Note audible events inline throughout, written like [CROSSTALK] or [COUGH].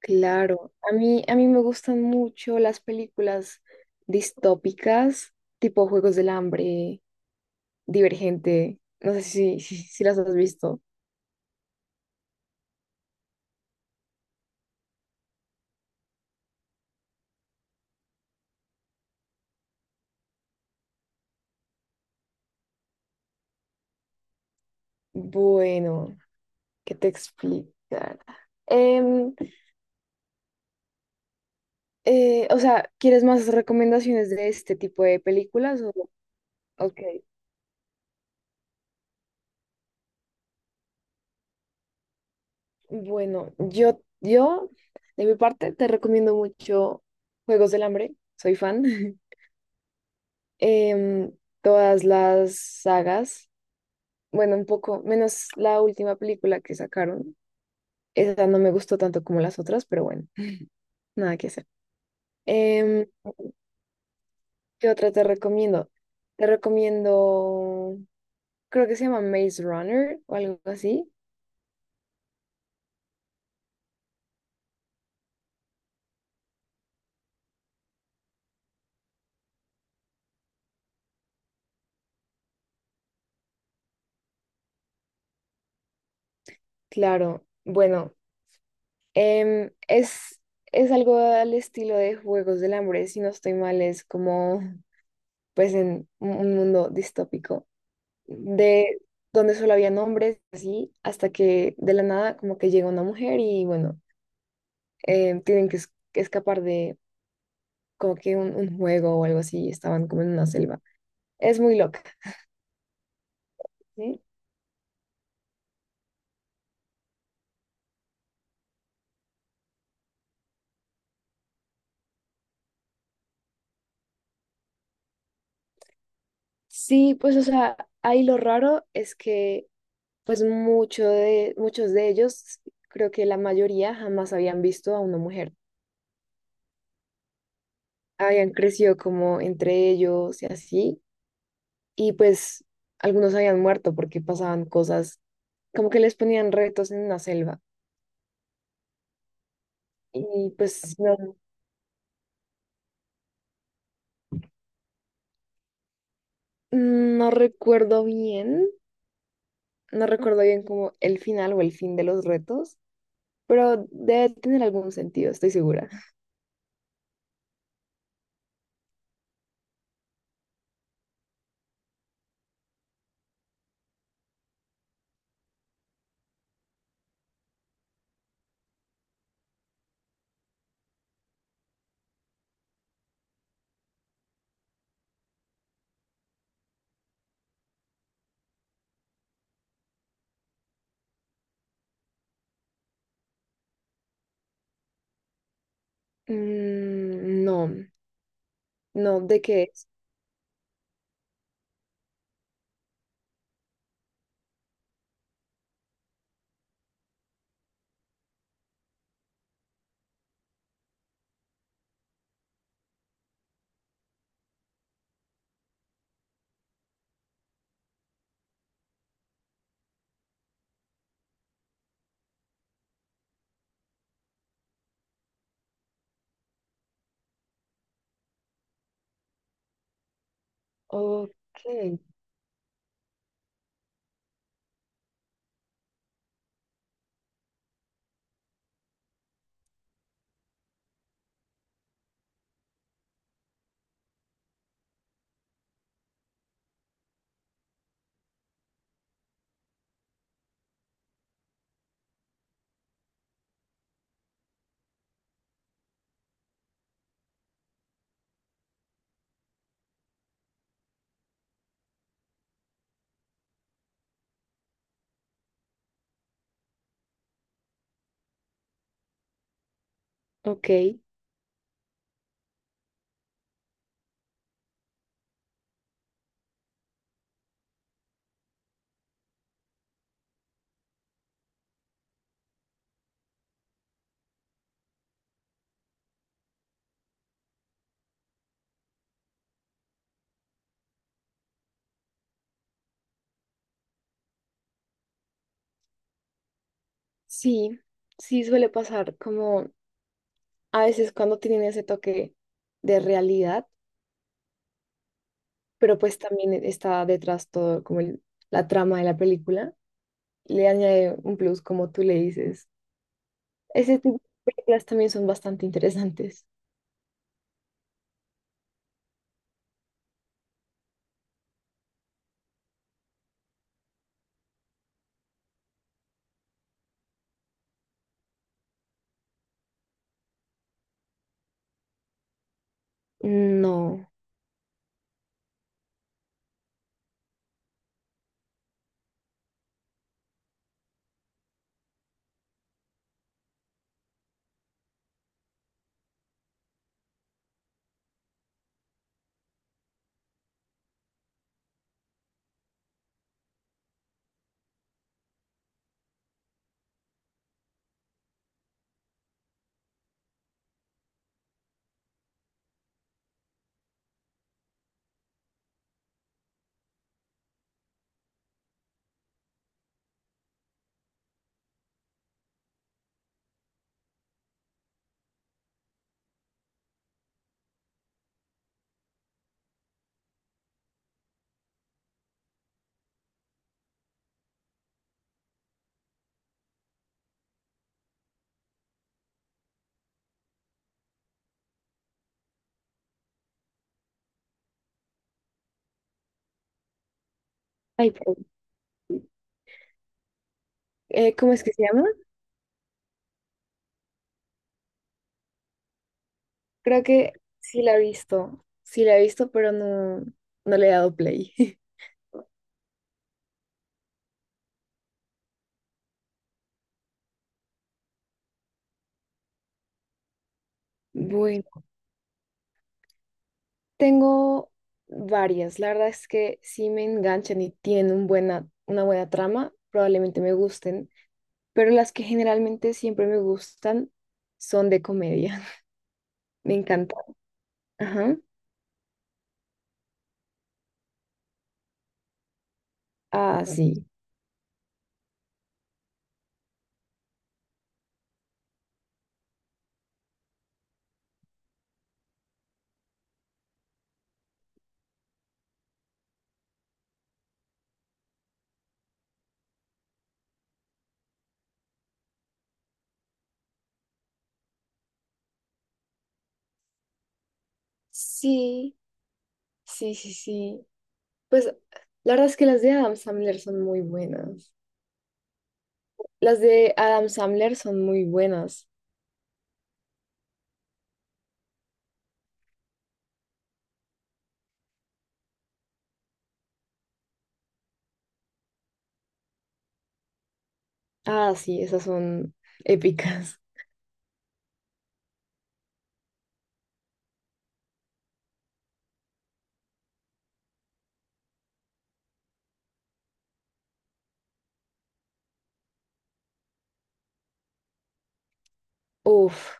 Claro, a mí me gustan mucho las películas distópicas, tipo Juegos del Hambre, Divergente, no sé si las has visto. Bueno, ¿qué te explicar? Em, o sea, ¿quieres más recomendaciones de este tipo de películas? O, ok, bueno, de mi parte, te recomiendo mucho Juegos del Hambre, soy fan. [LAUGHS] Em, Todas las sagas. Bueno, un poco menos la última película que sacaron. Esa no me gustó tanto como las otras, pero bueno, [LAUGHS] nada que hacer. Em, ¿Qué otra te recomiendo? Te recomiendo, creo que se llama Maze Runner o algo así. Claro, bueno, em, es, es algo al estilo de Juegos del Hambre, si no estoy mal, es como pues en un mundo distópico, de donde solo había hombres, así, hasta que de la nada como que llega una mujer y bueno. Tienen que escapar de como que un juego o algo así, y estaban como en una selva. Es muy loca, ¿sí? Sí, pues o sea, ahí lo raro es que pues muchos de ellos, creo que la mayoría jamás habían visto a una mujer. Habían crecido como entre ellos y así, y pues algunos habían muerto porque pasaban cosas, como que les ponían retos en una selva. Y pues no, no recuerdo bien. No recuerdo bien como el final o el fin de los retos, pero debe tener algún sentido, estoy segura. Mm, no, no, ¿de qué es? Ok, ok, sí, sí suele pasar como a veces cuando tienen ese toque de realidad, pero pues también está detrás todo como la trama de la película, le añade un plus como tú le dices. Ese tipo de películas también son bastante interesantes. No. Ay, pero, ¿cómo es que se llama? Creo que sí la he visto, sí la he visto, pero no, no le he dado play. [LAUGHS] Bueno, tengo varias. La verdad es que si me enganchan y tienen un buena, una buena trama, probablemente me gusten, pero las que generalmente siempre me gustan son de comedia. [LAUGHS] Me encanta. Ajá. Ah, sí. Sí, sí, sí, sí. Pues la verdad es que las de Adam Sandler son muy buenas. Las de Adam Sandler son muy buenas. Ah, sí, esas son épicas. [LAUGHS] Uf,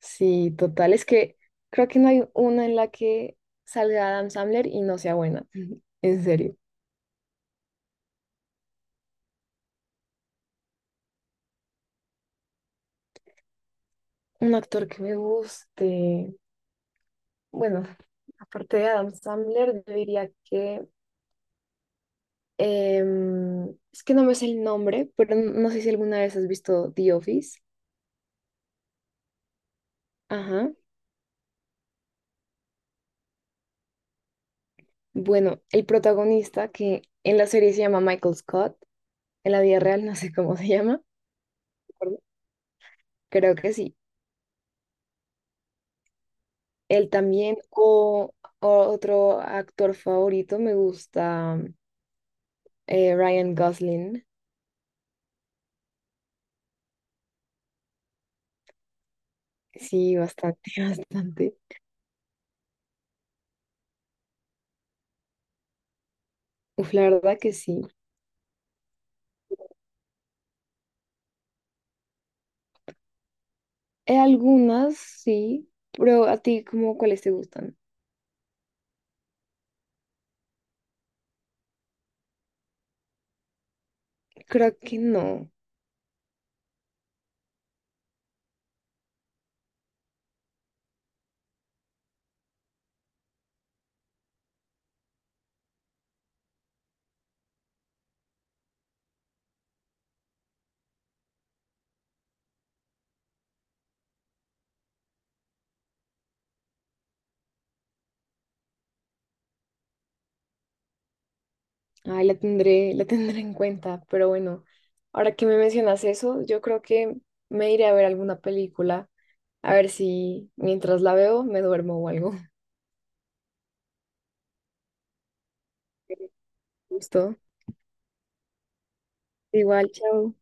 sí, total. Es que creo que no hay una en la que salga Adam Sandler y no sea buena. [LAUGHS] En serio. Un actor que me guste. Bueno, aparte de Adam Sandler, yo diría que... es que no me sé el nombre, pero no sé si alguna vez has visto The Office. Ajá. Bueno, el protagonista que en la serie se llama Michael Scott, en la vida real no sé cómo se llama. [LAUGHS] ¿De acuerdo? Creo que sí. Él también, o otro actor favorito, me gusta Ryan Gosling. Sí, bastante, [LAUGHS] bastante. Uf, la verdad que sí. Algunas sí, pero a ti, ¿cómo cuáles te gustan? Creo que no. Ay, la tendré, la [LAUGHS] tendré en cuenta, pero bueno, ahora que me mencionas eso, yo creo que me iré a ver alguna película, a ver si mientras la veo me duermo o algo. [LAUGHS] Justo. Igual, chao.